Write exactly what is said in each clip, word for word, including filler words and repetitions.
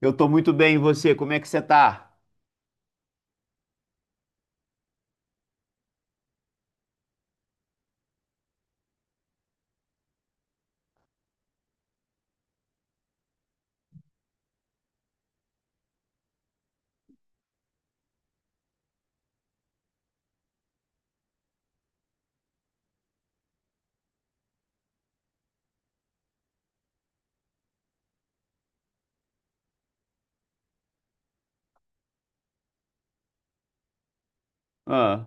Eu tô muito bem, e você? Como é que você tá? Ah.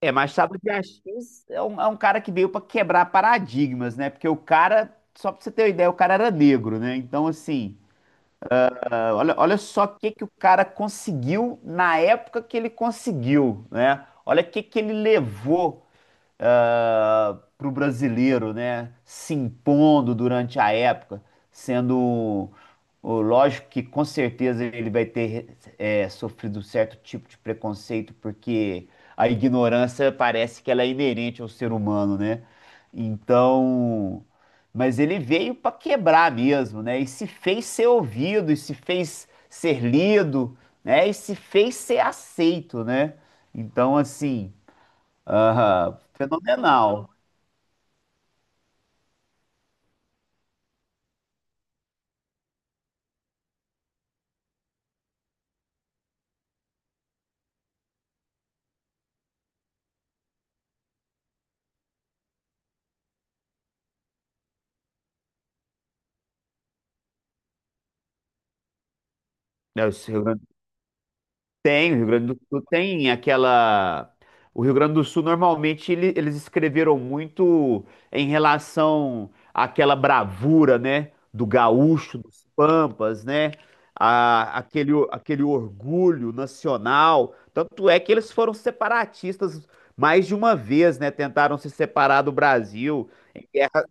É, Machado de Assis é um, é um cara que veio pra quebrar paradigmas, né? Porque o cara, só pra você ter uma ideia, o cara era negro, né? Então, assim, ah, olha, olha só o que que o cara conseguiu na época que ele conseguiu, né? Olha o que que ele levou para o brasileiro, né? Se impondo durante a época, sendo o- lógico que com certeza ele vai ter é, sofrido certo tipo de preconceito, porque a ignorância parece que ela é inerente ao ser humano, né? Então, mas ele veio para quebrar mesmo, né? E se fez ser ouvido, e se fez ser lido, né? E se fez ser aceito, né? Então, assim. Aham, fenomenal. né, os Rio Grande- Tem, o Rio Grande do Sul tem aquela. O Rio Grande do Sul normalmente ele- eles escreveram muito em relação àquela bravura, né? Do gaúcho, dos pampas, né? a- aquele, o- aquele orgulho nacional. Tanto é que eles foram separatistas mais de uma vez, né? Tentaram se separar do Brasil. Em guerra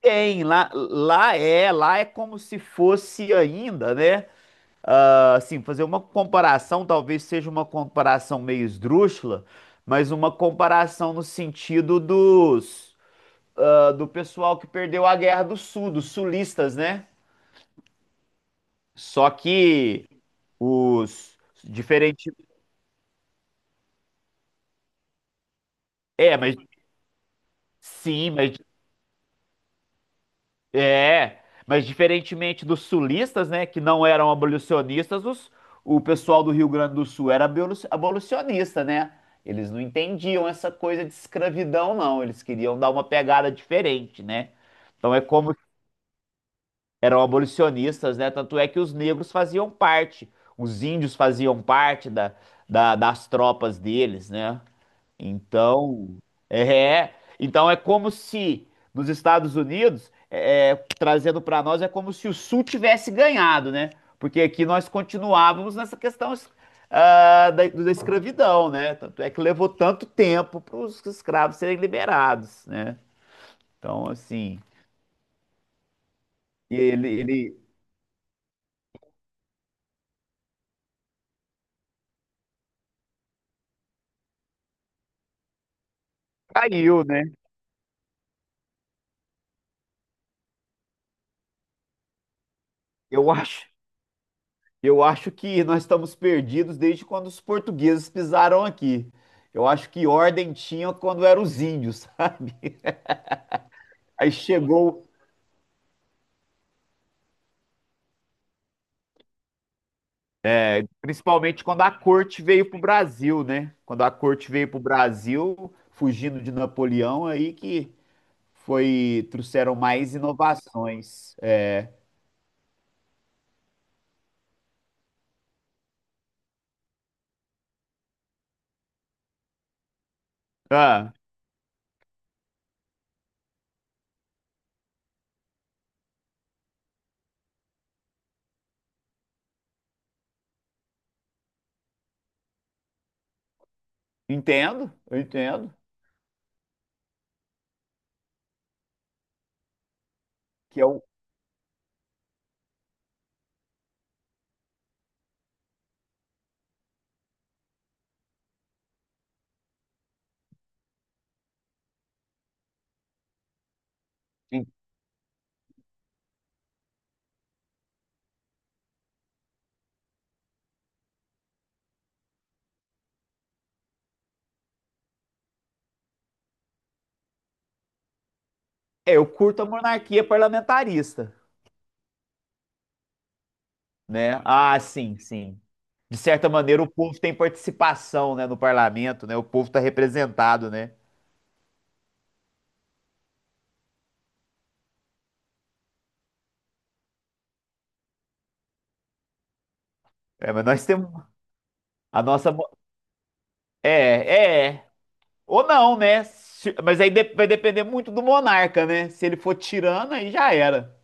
tem, lá, lá é, lá é como se fosse ainda, né? Ah, assim, fazer uma comparação, talvez seja uma comparação meio esdrúxula, mas uma comparação no sentido dos, ah, do pessoal que perdeu a Guerra do Sul, dos sulistas, né? Só que os diferente. É, mas sim, mas. É, mas diferentemente dos sulistas, né, que não eram abolicionistas, os, o pessoal do Rio Grande do Sul era abolu- abolicionista, né? Eles não entendiam essa coisa de escravidão, não. Eles queriam dar uma pegada diferente, né? Então é como eram abolicionistas, né? Tanto é que os negros faziam parte, os índios faziam parte da, da- das tropas deles, né? Então, é, é, então é como se nos Estados Unidos, é, é, trazendo para nós, é como se o Sul tivesse ganhado, né? Porque aqui nós continuávamos nessa questão, ah, da, da escravidão, né? Tanto é que levou tanto tempo para os escravos serem liberados, né? Então, assim, ele, ele caiu, né? Eu acho, eu acho que nós estamos perdidos desde quando os portugueses pisaram aqui. Eu acho que ordem tinha quando eram os índios, sabe? Aí chegou, principalmente quando a corte veio para o Brasil, né? Quando a corte veio para o Brasil, fugindo de Napoleão, aí que foi trouxeram mais inovações. É. Ah, entendo, eu entendo. Que eu, é, eu curto a monarquia parlamentarista, né? Ah, sim, sim. De certa maneira, o povo tem participação, né, no parlamento, né? O povo está representado, né? É, mas nós temos a nossa. mo- É, é, é. Ou não, né? Se- Mas aí de- vai depender muito do monarca, né? Se ele for tirano, aí já era.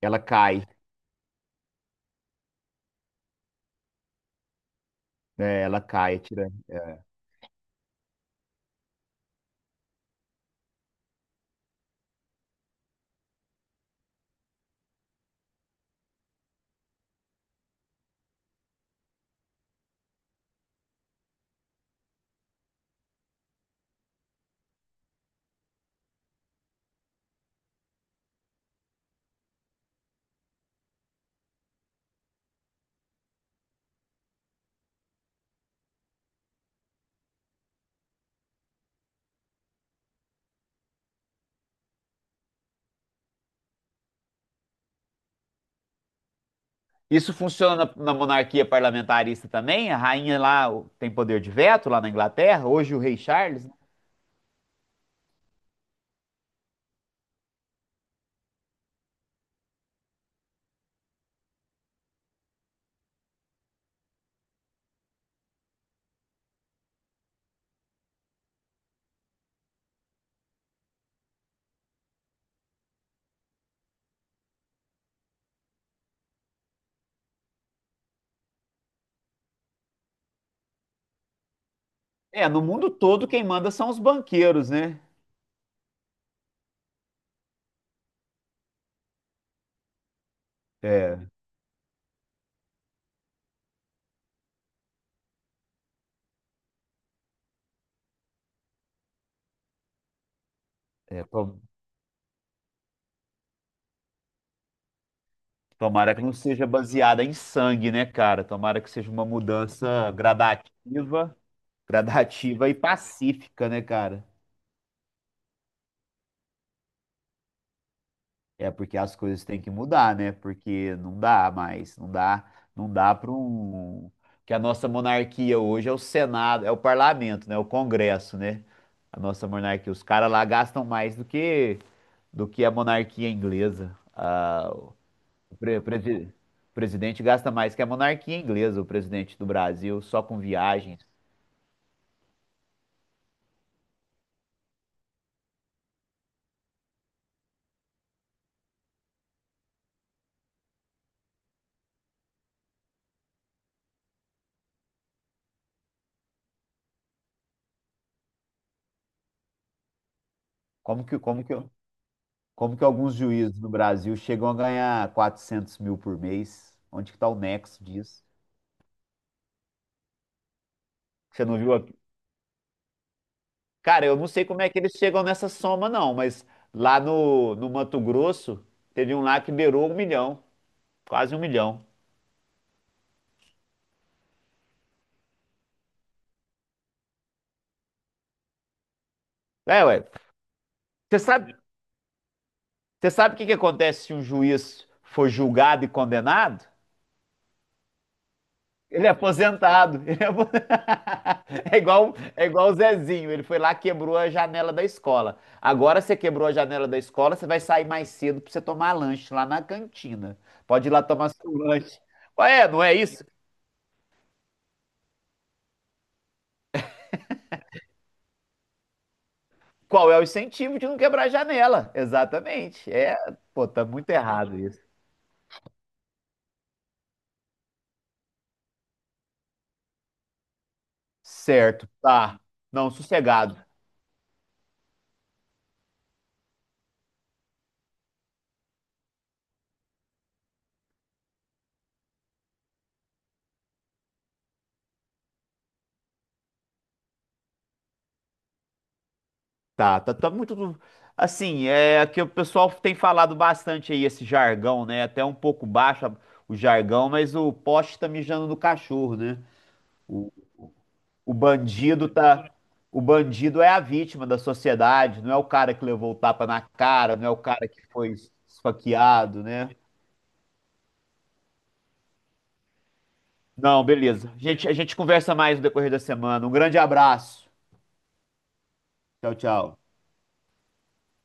Ela cai. É, ela cai, é tirana. Isso funciona na monarquia parlamentarista também? A rainha lá o- tem poder de veto lá na Inglaterra? Hoje o rei Charles? Né? É, no mundo todo quem manda são os banqueiros, né? É, é, to- Tomara que não seja baseada em sangue, né, cara? Tomara que seja uma mudança gradativa, gradativa e pacífica, né, cara? É porque as coisas têm que mudar, né? Porque não dá mais, não dá, não dá para um que a nossa monarquia hoje é o Senado, é o parlamento, né? O Congresso, né? A nossa monarquia, os caras lá gastam mais do que do que a monarquia inglesa. Ah, o pre- presi- o presidente gasta mais que a monarquia inglesa, o presidente do Brasil, só com viagens. Como que como que como que alguns juízes no Brasil chegam a ganhar quatrocentos mil por mês? Onde que tá o nexo disso? Você não viu, cara, eu não sei como é que eles chegam nessa soma, não, mas lá no, no Mato Grosso, teve um lá que beirou um milhão, quase um milhão. É, ué. Você sabe, você sabe o que que acontece se um juiz for julgado e condenado? Ele é aposentado. Ele é, apo- É igual, é igual o Zezinho. Ele foi lá, quebrou a janela da escola. Agora você quebrou a janela da escola, você vai sair mais cedo pra você tomar lanche lá na cantina. Pode ir lá tomar seu lanche. Ué, não é isso? Qual é o incentivo de não quebrar a janela? Exatamente. É, pô, tá muito errado isso. Certo, tá. Não, sossegado. Tá, tá, tá muito. do- Assim, é que o pessoal tem falado bastante aí esse jargão, né? Até um pouco baixo a- o jargão, mas o poste tá mijando no cachorro, né? O, o bandido tá. O bandido é a vítima da sociedade, não é o cara que levou o tapa na cara, não é o cara que foi esfaqueado, né? Não, beleza. A gente, a gente conversa mais no decorrer da semana. Um grande abraço. Tchau, tchau.